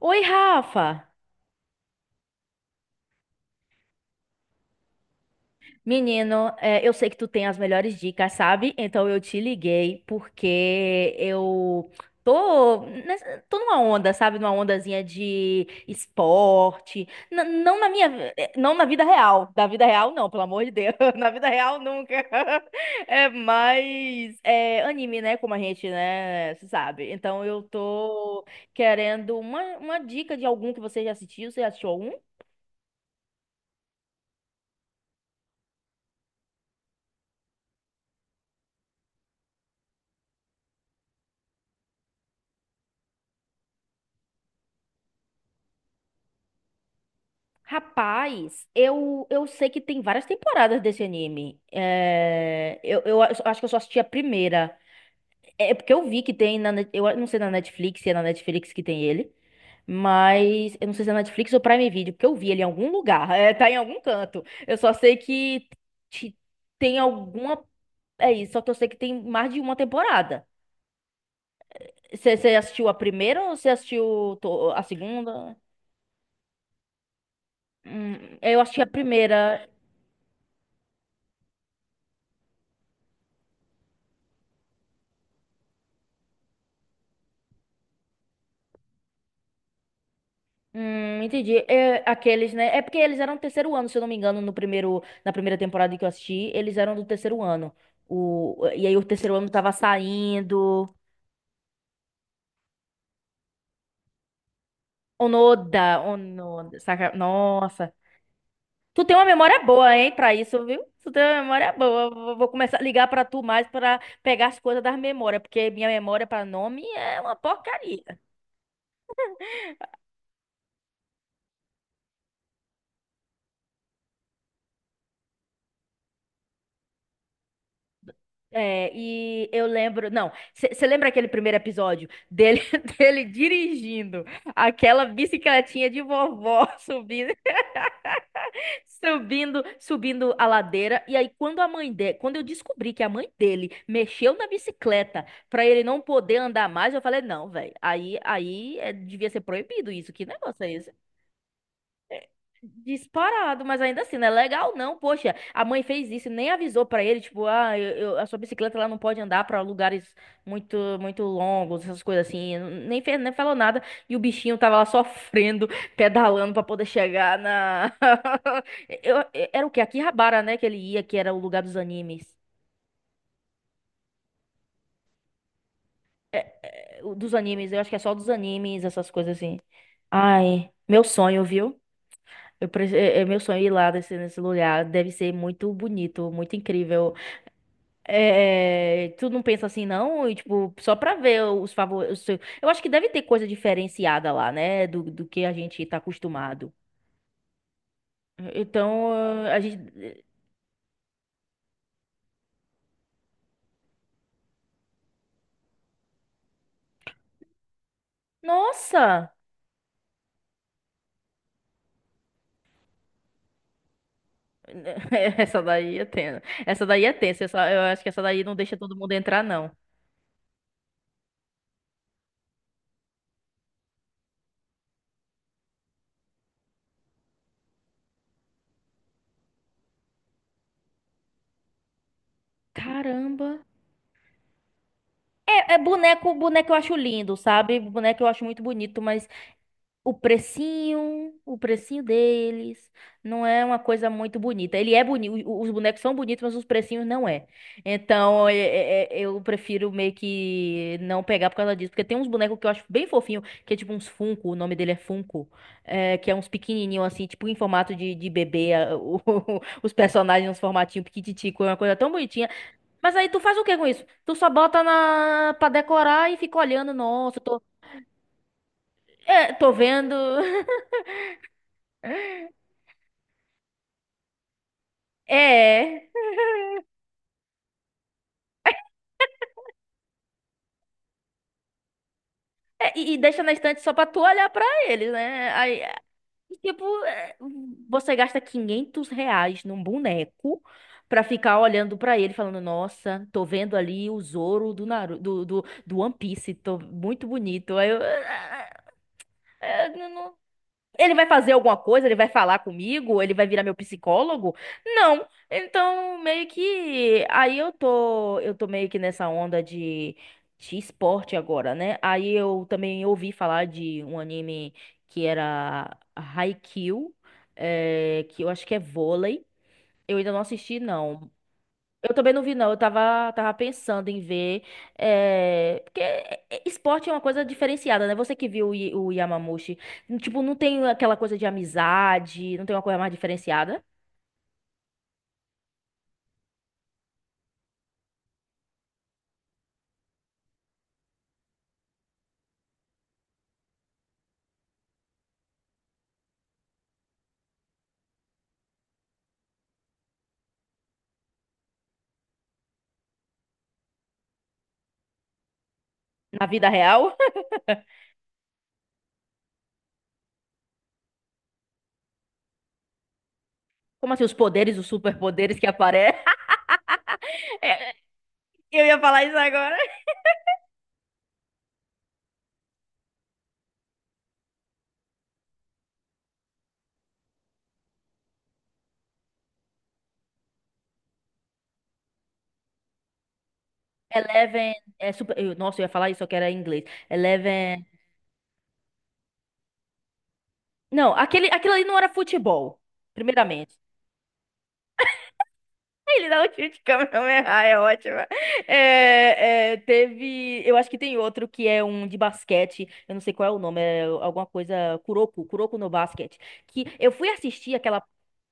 Oi, Rafa! Menino, eu sei que tu tem as melhores dicas, sabe? Então eu te liguei porque tô numa onda, sabe? Numa ondazinha de esporte. Não na minha, não na vida real. Da vida real, não, pelo amor de Deus. Na vida real, nunca. Anime, né? Como a gente, né, se sabe. Então eu tô querendo uma dica de algum que você já assistiu. Você já assistiu algum? Rapaz, eu sei que tem várias temporadas desse anime. Eu acho que eu só assisti a primeira. É porque eu vi que tem eu não sei na Netflix, se é na Netflix que tem ele, mas eu não sei se é na Netflix ou Prime Video, porque eu vi ele em algum lugar, é, tá em algum canto. Eu só sei que te- tem alguma, é isso, só que eu sei que tem mais de uma temporada. Você assistiu a primeira ou você assistiu a segunda? Hum, eu assisti a primeira. Entendi. É, aqueles, né? É porque eles eram do terceiro ano, se eu não me engano, no primeiro, na primeira temporada que eu assisti, eles eram do terceiro ano. O, e aí o terceiro ano tava saindo. Onoda, Onoda, saca? Nossa. Tu tem uma memória boa, hein, pra isso, viu? Tu tem uma memória boa. Vou começar a ligar pra tu mais pra pegar as coisas das memórias, porque minha memória pra nome é uma porcaria. É, e eu lembro, não, você lembra aquele primeiro episódio dele, dele dirigindo aquela bicicletinha de vovó subindo, subindo a ladeira. E aí, quando a mãe dele, quando eu descobri que a mãe dele mexeu na bicicleta pra ele não poder andar mais, eu falei, não, velho, aí é, devia ser proibido isso. Que negócio é. Disparado, mas ainda assim, não é legal não. Poxa, a mãe fez isso e nem avisou pra ele, tipo, ah, a sua bicicleta ela não pode andar pra lugares muito muito longos, essas coisas assim. Nem fez, nem falou nada e o bichinho tava lá sofrendo, pedalando pra poder chegar na era o quê? Akihabara, né, que ele ia, que era o lugar dos animes. É, dos animes, eu acho que é só dos animes, essas coisas assim. Ai, meu sonho, viu? É, é meu sonho ir lá desse nesse lugar. Deve ser muito bonito, muito incrível. É, tu não pensa assim, não? E, tipo, só pra ver os favores. Eu acho que deve ter coisa diferenciada lá, né? Do que a gente tá acostumado. Então, a gente. Nossa! Essa daí é tensa. Essa daí é tensa. Eu acho que essa daí não deixa todo mundo entrar, não. Caramba! Boneco eu acho lindo, sabe? Boneco eu acho muito bonito, mas o precinho, deles, não é uma coisa muito bonita. Ele é bonito, os bonecos são bonitos, mas os precinhos não é. Então, eu prefiro meio que não pegar por causa disso, porque tem uns bonecos que eu acho bem fofinho, que é tipo uns Funko, o nome dele é Funko, é, que é uns pequenininho assim, tipo em formato de bebê, os personagens uns formatinho piquititico, é uma coisa tão bonitinha. Mas aí tu faz o que com isso? Tu só bota na para decorar e fica olhando, nossa, é, tô vendo. É. E, e deixa na estante só pra tu olhar pra eles, né? Aí, é, tipo, é, você gasta R$ 500 num boneco pra ficar olhando pra ele, falando: Nossa, tô vendo ali o Zoro do, Naru do One Piece, tô muito bonito. Aí eu. Ele vai fazer alguma coisa? Ele vai falar comigo? Ele vai virar meu psicólogo? Não. Então, meio que aí eu tô meio que nessa onda de esporte agora, né? Aí eu também ouvi falar de um anime que era Haikyuu, que eu acho que é vôlei. Eu ainda não assisti, não, eu também não vi, não. Eu tava pensando em ver. Porque esporte é uma coisa diferenciada, né? Você que viu o Yamamushi. Tipo, não tem aquela coisa de amizade, não tem uma coisa mais diferenciada na vida real. Como assim, os poderes, os superpoderes que aparecem? É, eu ia falar isso agora. Eleven. Nossa, eu ia falar isso, só que era em inglês. Eleven. Não, aquele, aquilo ali não era futebol, primeiramente. Ele dá um tiro de Kamehameha, é ótima. Teve. Eu acho que tem outro que é um de basquete. Eu não sei qual é o nome, é alguma coisa. Kuroko, Kuroko no basquete. Que eu fui assistir aquela.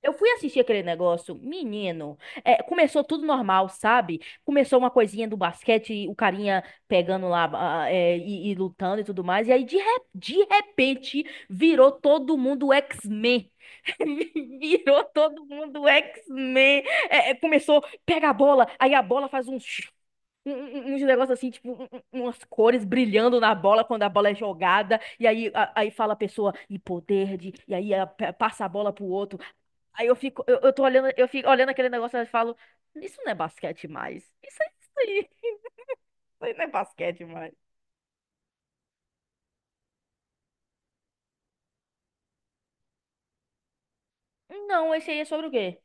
Eu fui assistir aquele negócio, menino. É, começou tudo normal, sabe? Começou uma coisinha do basquete, o carinha pegando lá, ah, e lutando e tudo mais. E aí, de repente, virou todo mundo X-Men. Virou todo mundo X-Men. Começou, pega a bola, aí a bola faz uns, uns negócios assim, tipo, umas cores brilhando na bola quando a bola é jogada. E aí, aí fala a pessoa, e poder de. E aí passa a bola pro outro. Aí eu fico, eu tô olhando, eu fico olhando aquele negócio e falo, isso não é basquete mais. Isso é isso aí. Isso aí não é basquete mais. Não, esse aí é sobre o quê?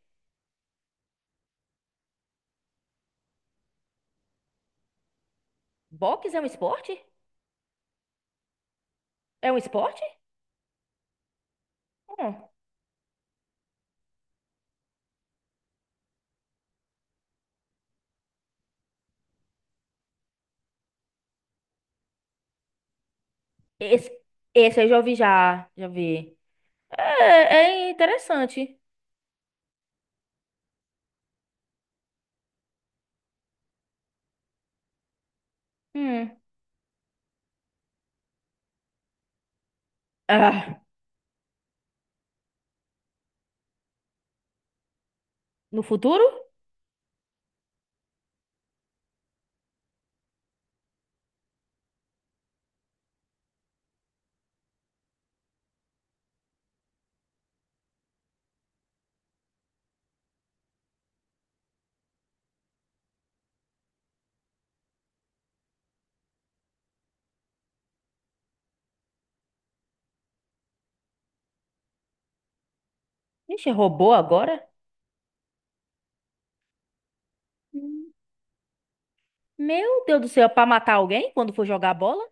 Boxe é um esporte? É um esporte? Hum. Esse, esse eu já ouvi já. Já vi. É, é interessante. Hum. Ah, no futuro? Ixi, robô agora? Hum. Meu Deus do céu, é pra matar alguém quando for jogar bola?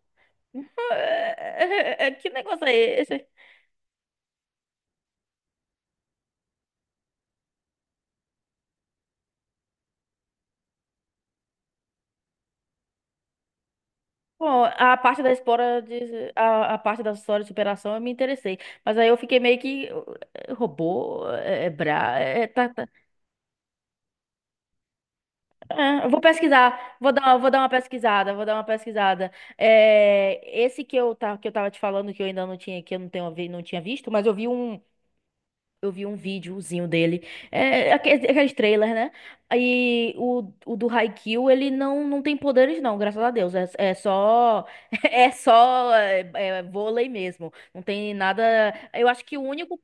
Que negócio é esse? Bom, a parte da história a parte da história de superação eu me interessei, mas aí eu fiquei meio que robô, tá. É, eu vou pesquisar, vou dar uma pesquisada, vou dar uma pesquisada. É, esse que que eu tava te falando que eu ainda não tinha, que eu não tenho, não tinha visto, mas eu vi um videozinho dele, é, aqueles, aqueles trailers, né? Aí o do Haikyuu, ele não, não tem poderes não, graças a Deus, é, é só, é só é, vôlei mesmo, não tem nada, eu acho que o único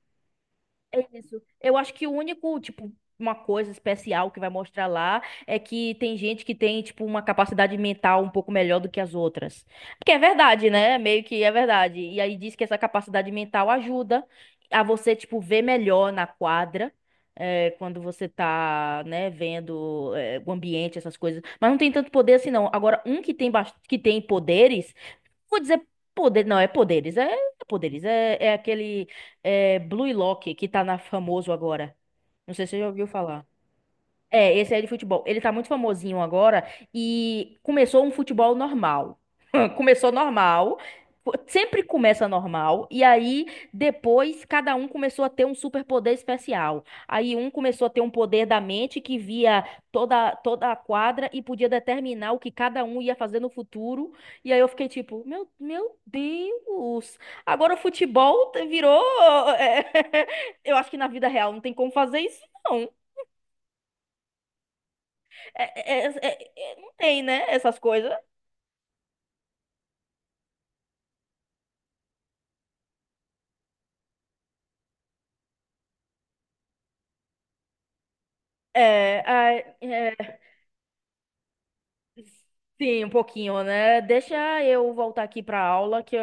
é isso. Eu acho que o único, tipo, uma coisa especial que vai mostrar lá é que tem gente que tem, tipo, uma capacidade mental um pouco melhor do que as outras. Porque é verdade, né? Meio que é verdade. E aí diz que essa capacidade mental ajuda a você, tipo, ver melhor na quadra. É, quando você tá, né, vendo, é, o ambiente, essas coisas. Mas não tem tanto poder assim, não. Agora, um que tem, que tem poderes. Vou dizer poder, não, é poderes, é aquele é, Blue Lock que tá na famoso agora. Não sei se você já ouviu falar. É, esse é de futebol. Ele tá muito famosinho agora e começou um futebol normal. Começou normal, sempre começa normal, e aí depois cada um começou a ter um superpoder especial. Aí um começou a ter um poder da mente que via toda, toda a quadra e podia determinar o que cada um ia fazer no futuro. E aí eu fiquei tipo, meu Deus! Agora o futebol virou. Eu acho que na vida real não tem como fazer isso. não. Não tem, né? Essas coisas. É, ai, é, sim, um pouquinho, né? Deixa eu voltar aqui pra aula,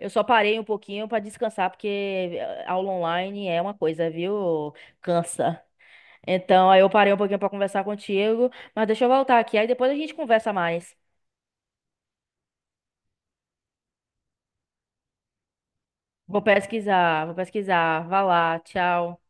eu só parei um pouquinho pra descansar, porque aula online é uma coisa, viu? Cansa. Então, aí eu parei um pouquinho pra conversar contigo, mas deixa eu voltar aqui, aí depois a gente conversa mais. Vou pesquisar, vou pesquisar. Vá lá, tchau.